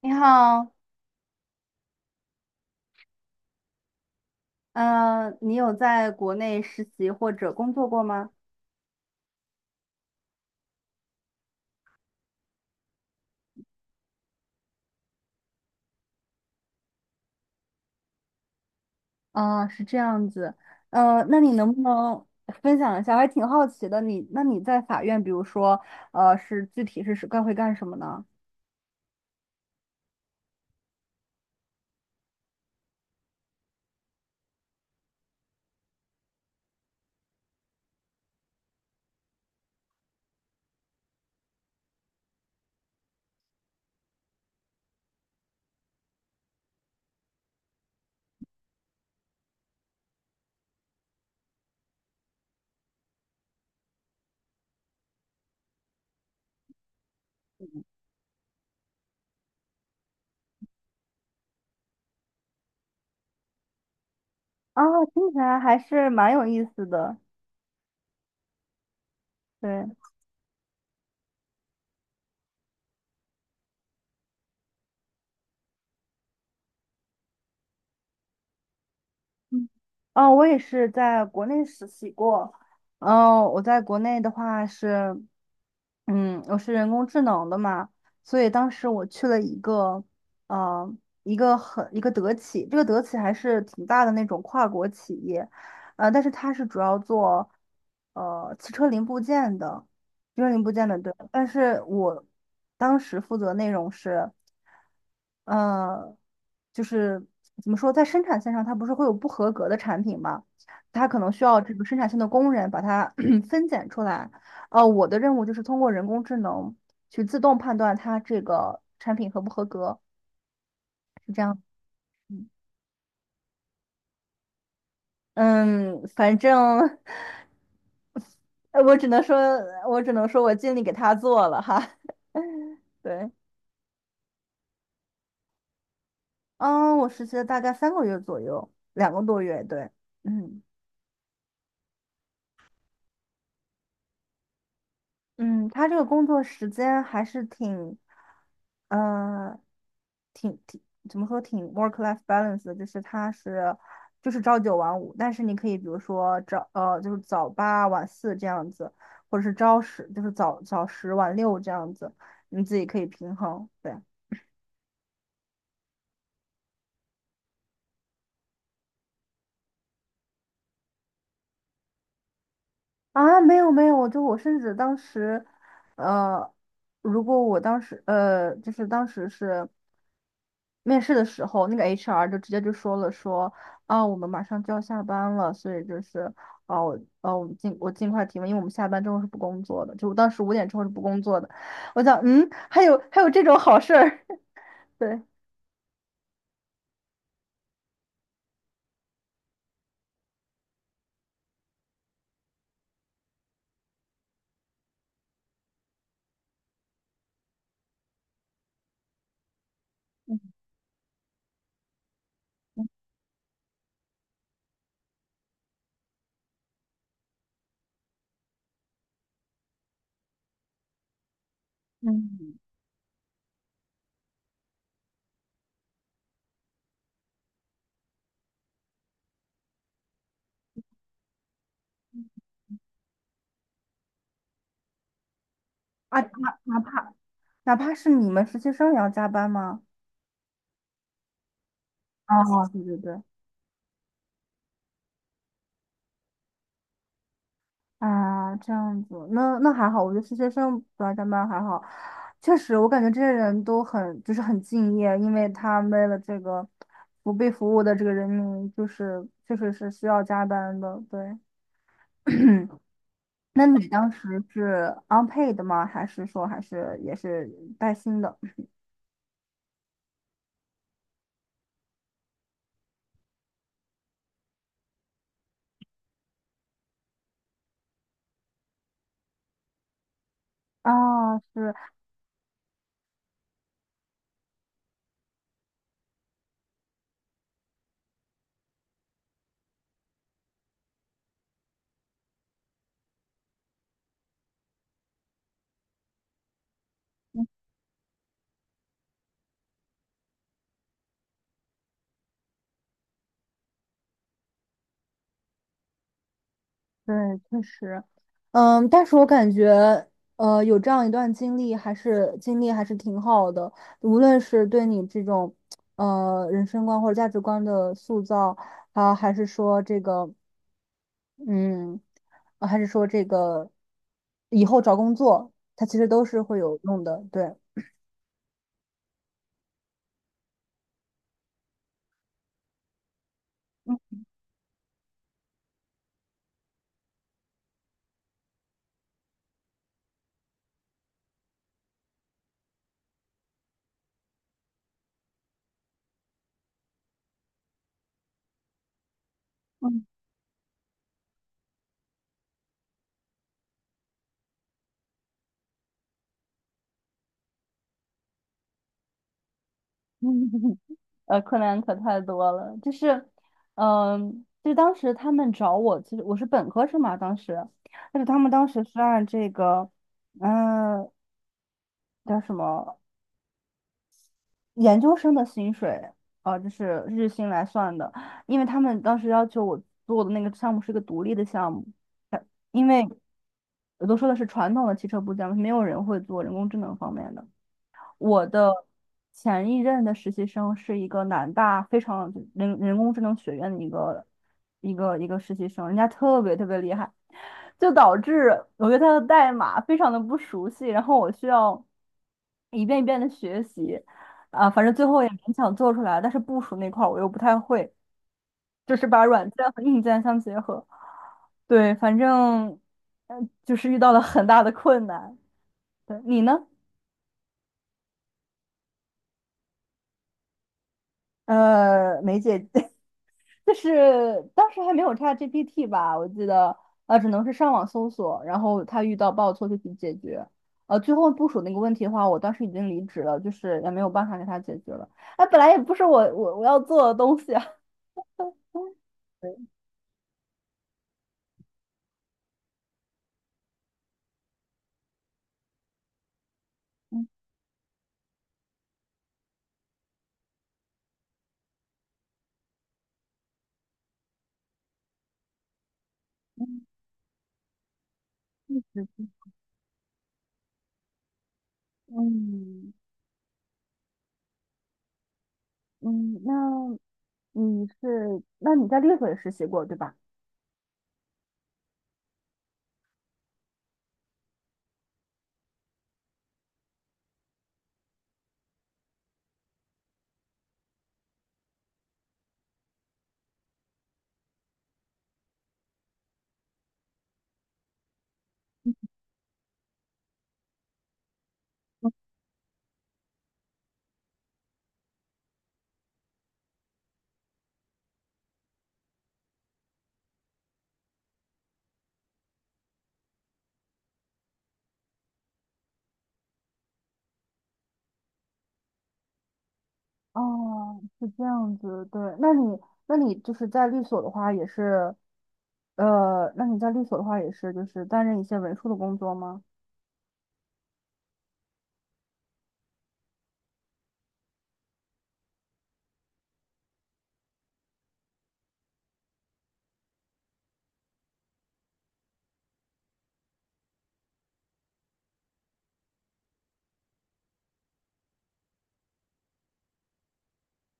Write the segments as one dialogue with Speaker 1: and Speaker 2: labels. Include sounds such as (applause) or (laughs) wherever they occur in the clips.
Speaker 1: 你好，你有在国内实习或者工作过吗？啊，是这样子，那你能不能分享一下？我还挺好奇的，你在法院，比如说，具体干什么呢？啊，听起来还是蛮有意思的，对。嗯哦，我也是在国内实习过。我在国内的话是，我是人工智能的嘛，所以当时我去了一个，呃，一个很一个德企，这个德企还是挺大的那种跨国企业，但是它是主要做，汽车零部件的，对。但是我当时负责内容是，呃，就是怎么说，在生产线上它不是会有不合格的产品嘛，它可能需要这个生产线的工人把它 (clears throat) 分拣出来。哦，我的任务就是通过人工智能去自动判断它这个产品合不合格，是这样。嗯，嗯反正 (laughs) 我只能说，我尽力给他做了哈。(laughs) 对，嗯，我实习了大概3个月左右，2个多月，对，嗯。嗯，他这个工作时间还是挺，呃，挺怎么说，挺 work-life balance 的，就是他是朝九晚五，但是你可以比如说早呃就是早八晚四这样子，或者是朝十就是早早十晚六这样子，你自己可以平衡。对。啊，没有没有，我甚至当时，呃，如果我当时就是当时是面试的时候，那个 HR 就直接就说了说，啊，我们马上就要下班了，所以就是，哦、我们尽快提问，因为我们下班之后是不工作的，就当时5点之后是不工作的。我想，嗯，还有这种好事儿，(laughs) 对，嗯，啊，哪怕是你们实习生也要加班吗？哦，对对对。啊，这样子，那还好，我觉得实习生不来加班还好。确实，我感觉这些人都很就是很敬业，因为他为了这个不被服务的这个人民，就是确实是需要加班的。对，(clears throat) 那你当时是 unpaid 吗？还是说也是带薪的？啊，是，对，确实，嗯，但是我感觉，有这样一段经历，还是挺好的。无论是对你这种，人生观或者价值观的塑造，啊，还是说这个，嗯，呃还是说这个，以后找工作，它其实都是会有用的。对，嗯嗯嗯，(laughs) 困难可太多了，就是，就当时他们找我，其实我是本科生嘛，当时，但是他们当时是按这个，嗯、叫什么研究生的薪水，就是日薪来算的，因为他们当时要求我做的那个项目是个独立的项目，因为我都说的是传统的汽车部件，没有人会做人工智能方面的。我的前一任的实习生是一个南大非常人工智能学院的一个实习生，人家特别特别厉害，就导致我对他的代码非常的不熟悉，然后我需要一遍一遍的学习，啊，反正最后也勉强做出来，但是部署那块儿我又不太会，就是把软件和硬件相结合，对，反正就是遇到了很大的困难。对，你呢？梅姐，(laughs) 就是当时还没有 ChatGPT 吧，我记得，只能是上网搜索，然后他遇到报错就去解决。最后部署那个问题的话，我当时已经离职了，就是也没有办法给他解决了。哎，本来也不是我要做的东西啊。(laughs) 对嗯嗯，确实是嗯嗯，那你在猎头也实习过，对吧？哦，是这样子，对。那你就是在律所的话，也是，那你在律所的话，也是就是担任一些文书的工作吗？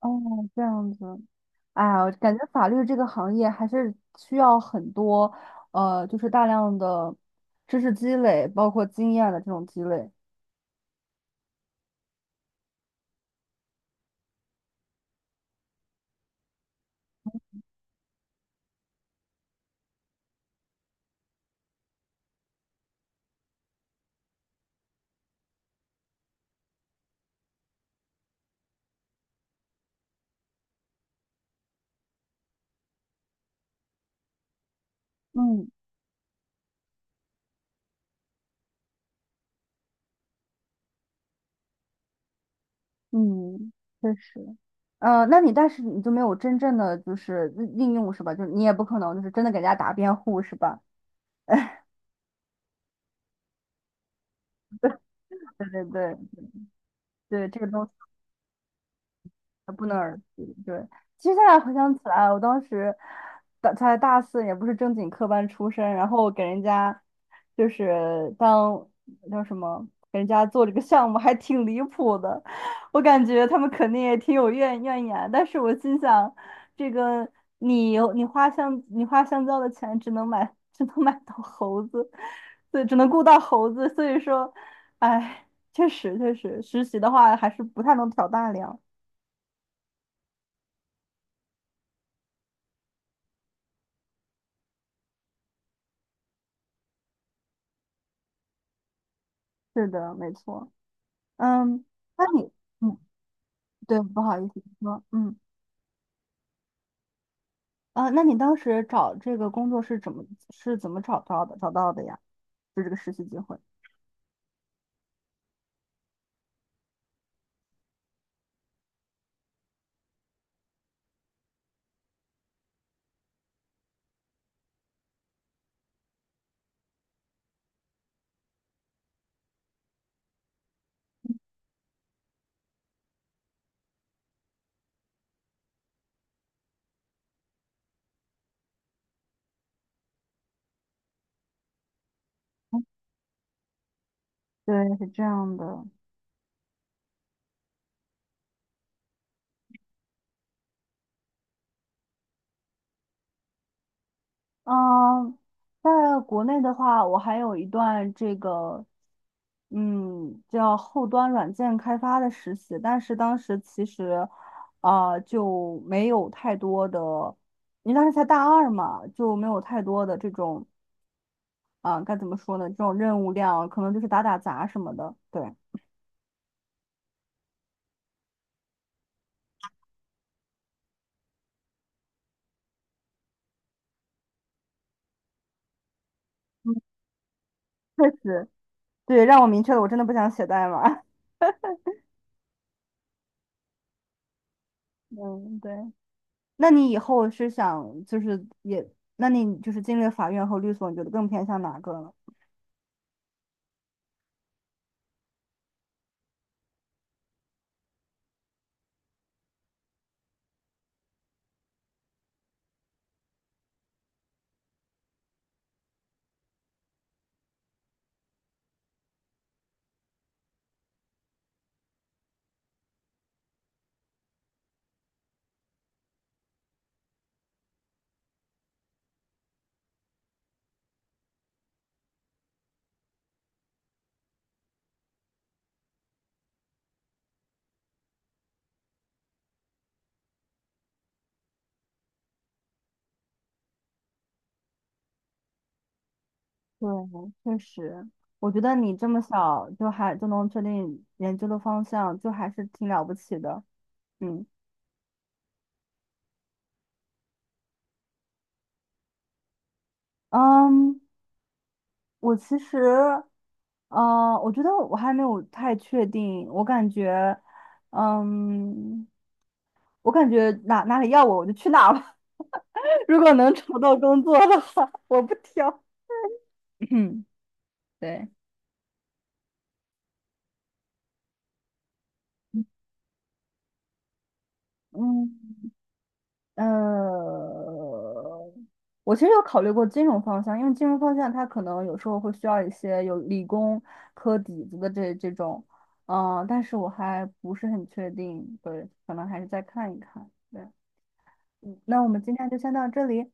Speaker 1: 哦，这样子。哎呀，我感觉法律这个行业还是需要很多，就是大量的知识积累，包括经验的这种积累。嗯嗯，确实。那你但是你就没有真正的就是应用是吧？就是你也不可能就是真的给人家打辩护是吧？对对对。对，这个东西。不能而去。对，其实现在回想起来，我当时大四，也不是正经科班出身，然后给人家就是当叫什么，给人家做这个项目还挺离谱的。我感觉他们肯定也挺有怨言，但是我心想，这个你花香蕉的钱只能买到猴子，对，只能雇到猴子，所以说，哎，确实确实，实习的话还是不太能挑大梁。是的，没错。嗯，那你，嗯，对，不好意思你说，嗯，啊，那你当时找这个工作是怎么找到的？找到的呀，就这个实习机会。对，是这样的。嗯，在国内的话，我还有一段这个，嗯，叫后端软件开发的实习，但是当时其实，就没有太多的，因为当时才大二嘛，就没有太多的这种。啊，该怎么说呢？这种任务量可能就是打打杂什么的。对，嗯，确实，对，让我明确了，我真的不想写代码。(laughs) 嗯，对。那你以后是想就是也，那你就是进了法院和律所，你觉得更偏向哪个呢？对，确实，我觉得你这么小就能确定研究的方向，就还是挺了不起的。嗯嗯，我其实，嗯、我觉得我还没有太确定，我感觉，嗯。我感觉哪里要我，我就去哪吧。(laughs) 如果能找到工作的话，(laughs) 我不挑。嗯对，嗯，呃，我其实有考虑过金融方向，因为金融方向它可能有时候会需要一些有理工科底子的这种，但是我还不是很确定，对，可能还是再看一看。对，嗯，那我们今天就先到这里。